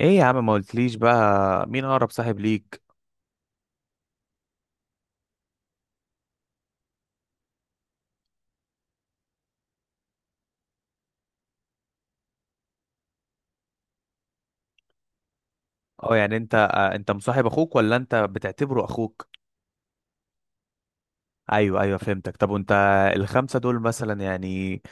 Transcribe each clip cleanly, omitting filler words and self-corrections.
ايه يا عم، ما قلتليش بقى مين اقرب صاحب ليك؟ اه، يعني انت انت مصاحب اخوك ولا انت بتعتبره اخوك؟ ايوه، ايوه، فهمتك. طب وانت، الخمسه دول مثلا، يعني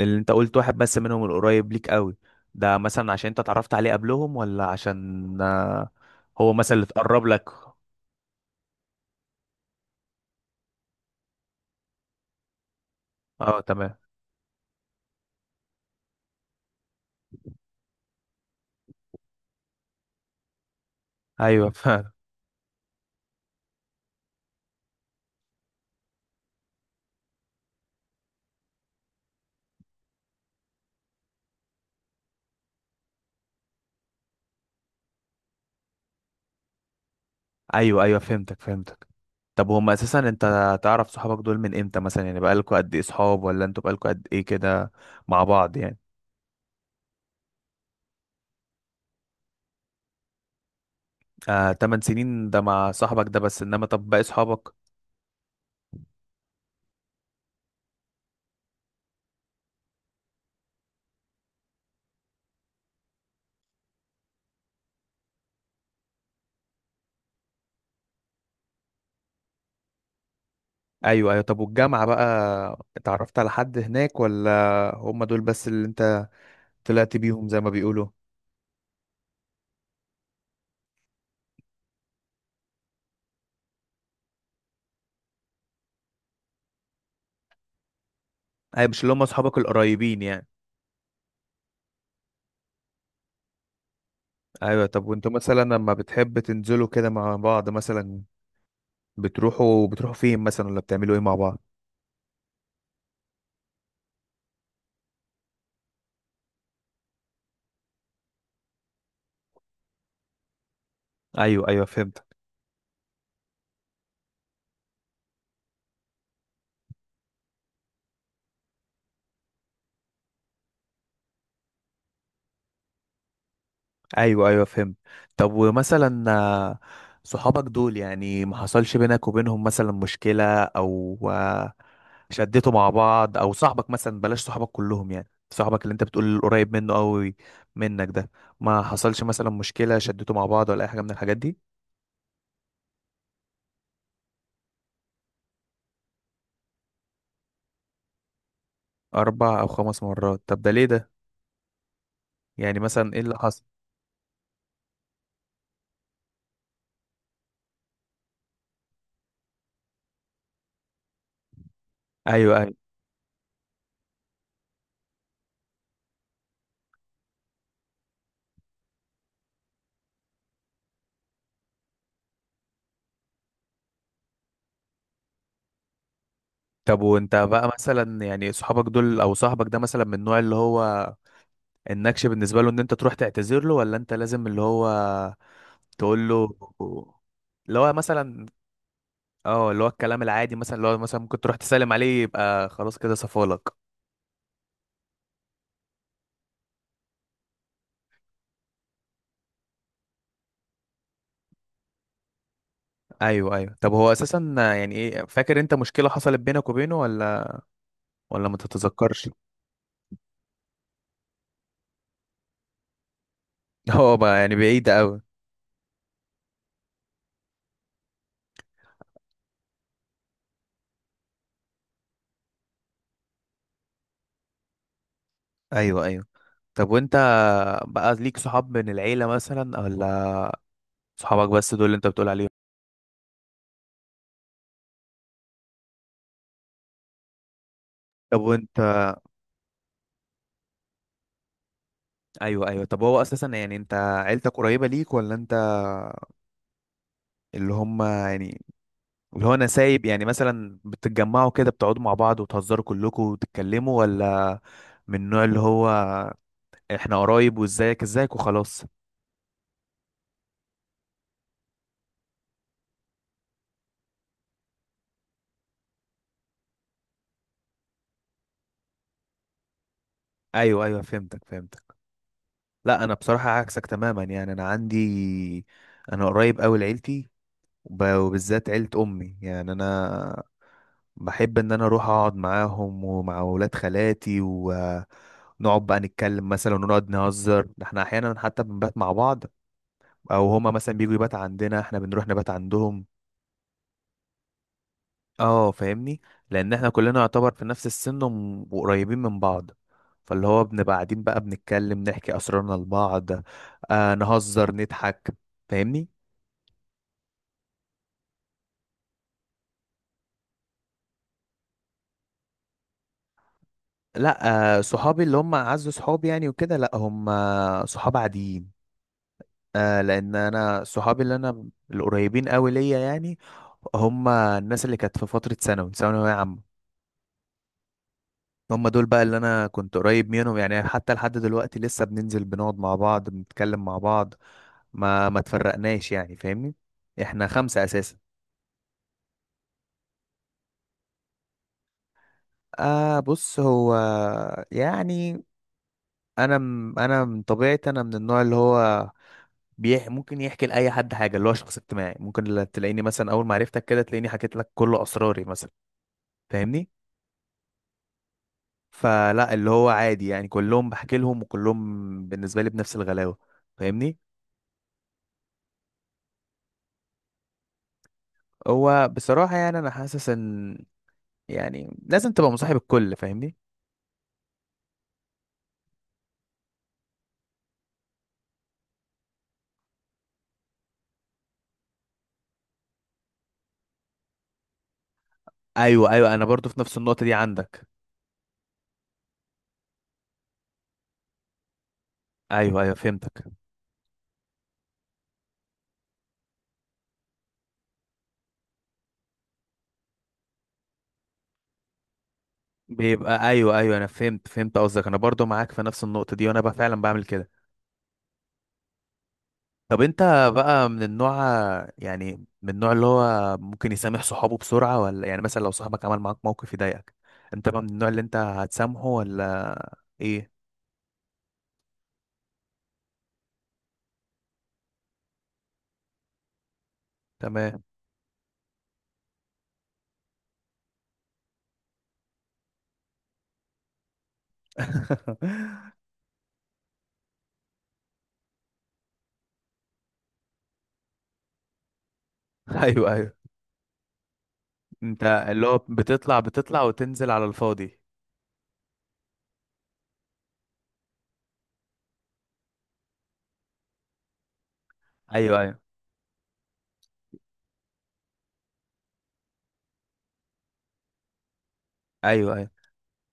اللي انت قلت واحد بس منهم القريب ليك قوي، ده مثلا عشان انت اتعرفت عليه قبلهم، ولا عشان هو مثلا اللي اتقرب لك؟ اه، تمام. ايوه فعلا. ايوه، ايوه، فهمتك، فهمتك. طب، هم اساسا انت تعرف صحابك دول من امتى مثلا؟ يعني بقالكوا قد ايه صحاب، ولا انتوا بقالكوا قد ايه كده مع بعض يعني؟ آه، 8 سنين ده مع صاحبك ده، بس انما طب باقي صحابك؟ ايوه، ايوه. طب والجامعة بقى اتعرفت على حد هناك، ولا هم دول بس اللي انت طلعت بيهم زي ما بيقولوا؟ ايوه، مش اللي هم اصحابك القريبين يعني. ايوه. طب وانتوا مثلا لما بتحب تنزلوا كده مع بعض مثلا، بتروحوا فين مثلا، ولا بتعملوا ايه مع بعض؟ ايوه، ايوه، فهمت. ايوه، ايوه، فهمت. طب ومثلا صحابك دول يعني، ما حصلش بينك وبينهم مثلا مشكلة او شدتوا مع بعض؟ او صاحبك مثلا، بلاش صحابك كلهم، يعني صاحبك اللي انت بتقول قريب منه قوي منك ده، ما حصلش مثلا مشكلة شدتوا مع بعض ولا اي حاجة من الحاجات دي؟ اربع او خمس مرات؟ طب ده ليه ده، يعني مثلا ايه اللي حصل؟ ايوه، ايوه. طب وانت بقى مثلا، يعني صحابك دول او صاحبك ده مثلا، من النوع اللي هو النكش بالنسبة له، ان انت تروح تعتذر له، ولا انت لازم اللي هو تقول له، اللي هو مثلا، اه، اللي هو الكلام العادي مثلا، اللي هو مثلا ممكن تروح تسلم عليه يبقى خلاص كده صفالك؟ ايوه، ايوه. طب هو اساسا، يعني ايه فاكر انت مشكله حصلت بينك وبينه، ولا ولا ما تتذكرش؟ هو بقى يعني بعيده قوي؟ ايوه، ايوه. طب وانت بقى ليك صحاب من العيله مثلا، ولا صحابك بس دول اللي انت بتقول عليهم؟ طب وانت؟ ايوه، ايوه. طب هو اساسا، يعني انت عيلتك قريبه ليك، ولا انت اللي هم يعني، اللي هو انا سايب، يعني مثلا بتتجمعوا كده بتقعدوا مع بعض وتهزروا كلكم وتتكلموا، ولا من النوع اللي هو احنا قرايب، وازيك ازيك وخلاص؟ ايوه، ايوه، فهمتك، فهمتك. لا، انا بصراحة عكسك تماما، يعني انا عندي، انا قريب قوي لعيلتي، وبالذات عيلة امي. يعني انا بحب ان انا اروح اقعد معاهم ومع ولاد خالاتي، ونقعد بقى نتكلم مثلا، ونقعد نهزر، ده احنا احيانا حتى بنبات مع بعض، او هما مثلا بيجوا يبات عندنا، احنا بنروح نبات عندهم. اه، فاهمني، لان احنا كلنا يعتبر في نفس السن، وقريبين من بعض. فاللي هو بنبقى قاعدين بقى بنتكلم، نحكي اسرارنا لبعض، نهزر، نضحك. فاهمني. لا، صحابي اللي هم اعز صحابي يعني وكده، لا، هم صحاب عاديين. لان انا صحابي، اللي انا القريبين قوي ليا يعني، هم الناس اللي كانت في فترة ثانوية عامة. هم دول بقى اللي انا كنت قريب منهم، يعني حتى لحد دلوقتي لسه بننزل، بنقعد مع بعض، بنتكلم مع بعض، ما تفرقناش يعني، فاهمني. احنا خمسة اساسا. بص، هو يعني، انا من طبيعتي، انا من النوع اللي هو ممكن يحكي لاي حد حاجه، اللي هو شخص اجتماعي، ممكن تلاقيني مثلا، اول ما عرفتك كده تلاقيني حكيت لك كل اسراري مثلا، فاهمني. فلا، اللي هو عادي، يعني كلهم بحكي لهم، وكلهم بالنسبه لي بنفس الغلاوه، فاهمني. هو بصراحه، يعني انا حاسس ان، يعني لازم تبقى مصاحب الكل، فاهمني. ايوه، ايوه، انا برضو في نفس النقطه دي عندك. ايوه، ايوه، فهمتك. بيبقى، ايوه، ايوه، انا فهمت قصدك، انا برضو معاك في نفس النقطه دي، وانا بقى فعلا بعمل كده. طب انت بقى من النوع، يعني من النوع اللي هو ممكن يسامح صحابه بسرعه، ولا يعني مثلا لو صاحبك عمل معاك موقف يضايقك، انت بقى من النوع اللي انت هتسامحه، ولا ايه؟ تمام. ايوه، ايوه، انت اللي هو بتطلع وتنزل على الفاضي؟ ايوه، ايوه، ايوه، ايوه.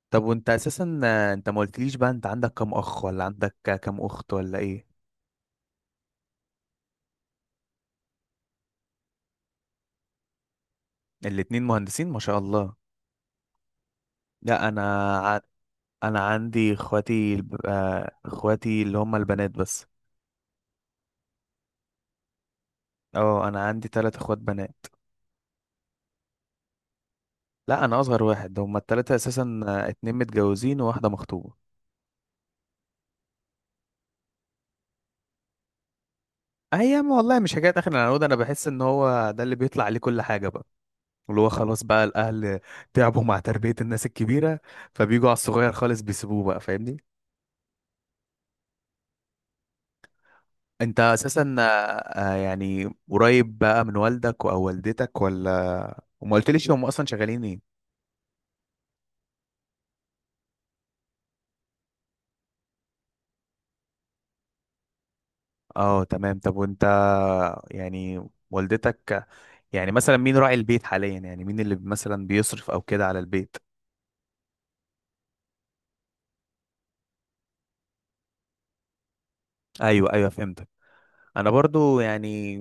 طب وانت اساسا انت ما قلتليش بقى، انت عندك كام اخ ولا عندك كام اخت، ولا ايه؟ الاتنين مهندسين، ما شاء الله. لا، انا ع- انا عندي اخواتي اخواتي اللي هم البنات بس. اه، انا عندي ثلاث اخوات بنات. لا، انا اصغر واحد، هم الثلاثه اساسا، اتنين متجوزين وواحده مخطوبه. ايام والله، مش حكايه اخر العنقود، انا بحس ان هو ده اللي بيطلع عليه كل حاجه بقى، اللي هو خلاص بقى الاهل تعبوا مع تربيه الناس الكبيره، فبيجوا على الصغير خالص بيسيبوه بقى، فاهمني. انت اساسا يعني قريب بقى من والدك او والدتك، ولا؟ وما قلتليش هم اصلا شغالين ايه؟ اه، تمام. طب وانت، يعني والدتك، يعني مثلا مين راعي البيت حاليا، يعني مين اللي مثلا بيصرف او كده على البيت؟ ايوه، ايوه، فهمتك. انا برضو يعني،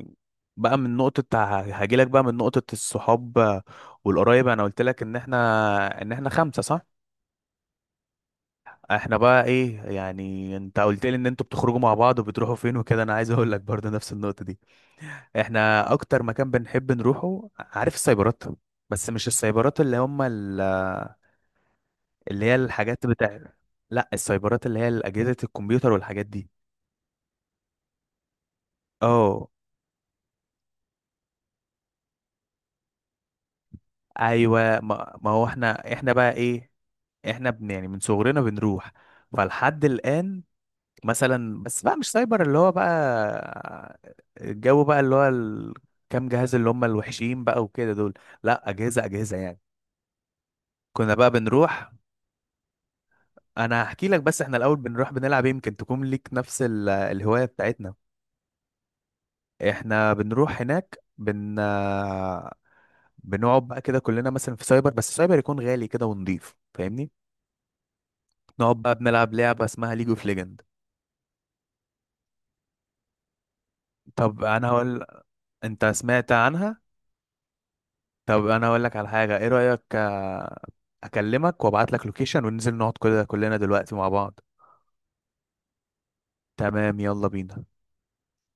بقى من نقطة، هاجيلك بقى من نقطة الصحاب والقرايب، انا قلت لك ان احنا خمسة، صح؟ احنا بقى ايه، يعني انت قلت لي ان انتوا بتخرجوا مع بعض وبتروحوا فين وكده، انا عايز اقول لك برضو نفس النقطة دي. احنا اكتر مكان بنحب نروحه، عارف، السايبرات. بس مش السايبرات اللي هم، اللي هي الحاجات بتاع، لا، السايبرات اللي هي اجهزه الكمبيوتر والحاجات دي. اه. ايوه، ما هو احنا بقى ايه، احنا يعني من صغرنا بنروح، فلحد الان، مثلا، بس بقى مش سايبر اللي هو بقى، الجو بقى، اللي هو كام جهاز، اللي هم الوحشين بقى وكده دول. لا، اجهزه، اجهزه يعني. كنا بقى بنروح. انا هحكي لك، بس احنا الاول بنروح بنلعب إيه، يمكن تكون ليك نفس الهوايه بتاعتنا. احنا بنروح هناك بنقعد بقى كده كلنا مثلا في سايبر، بس سايبر يكون غالي كده ونضيف، فاهمني. نقعد بقى بنلعب لعبة اسمها ليج اوف ليجند. طب انا هقول، انت سمعت عنها؟ طب انا هقول لك على حاجة، ايه رأيك اكلمك وابعت لك لوكيشن وننزل نقعد كده كلنا دلوقتي مع بعض؟ تمام، يلا بينا.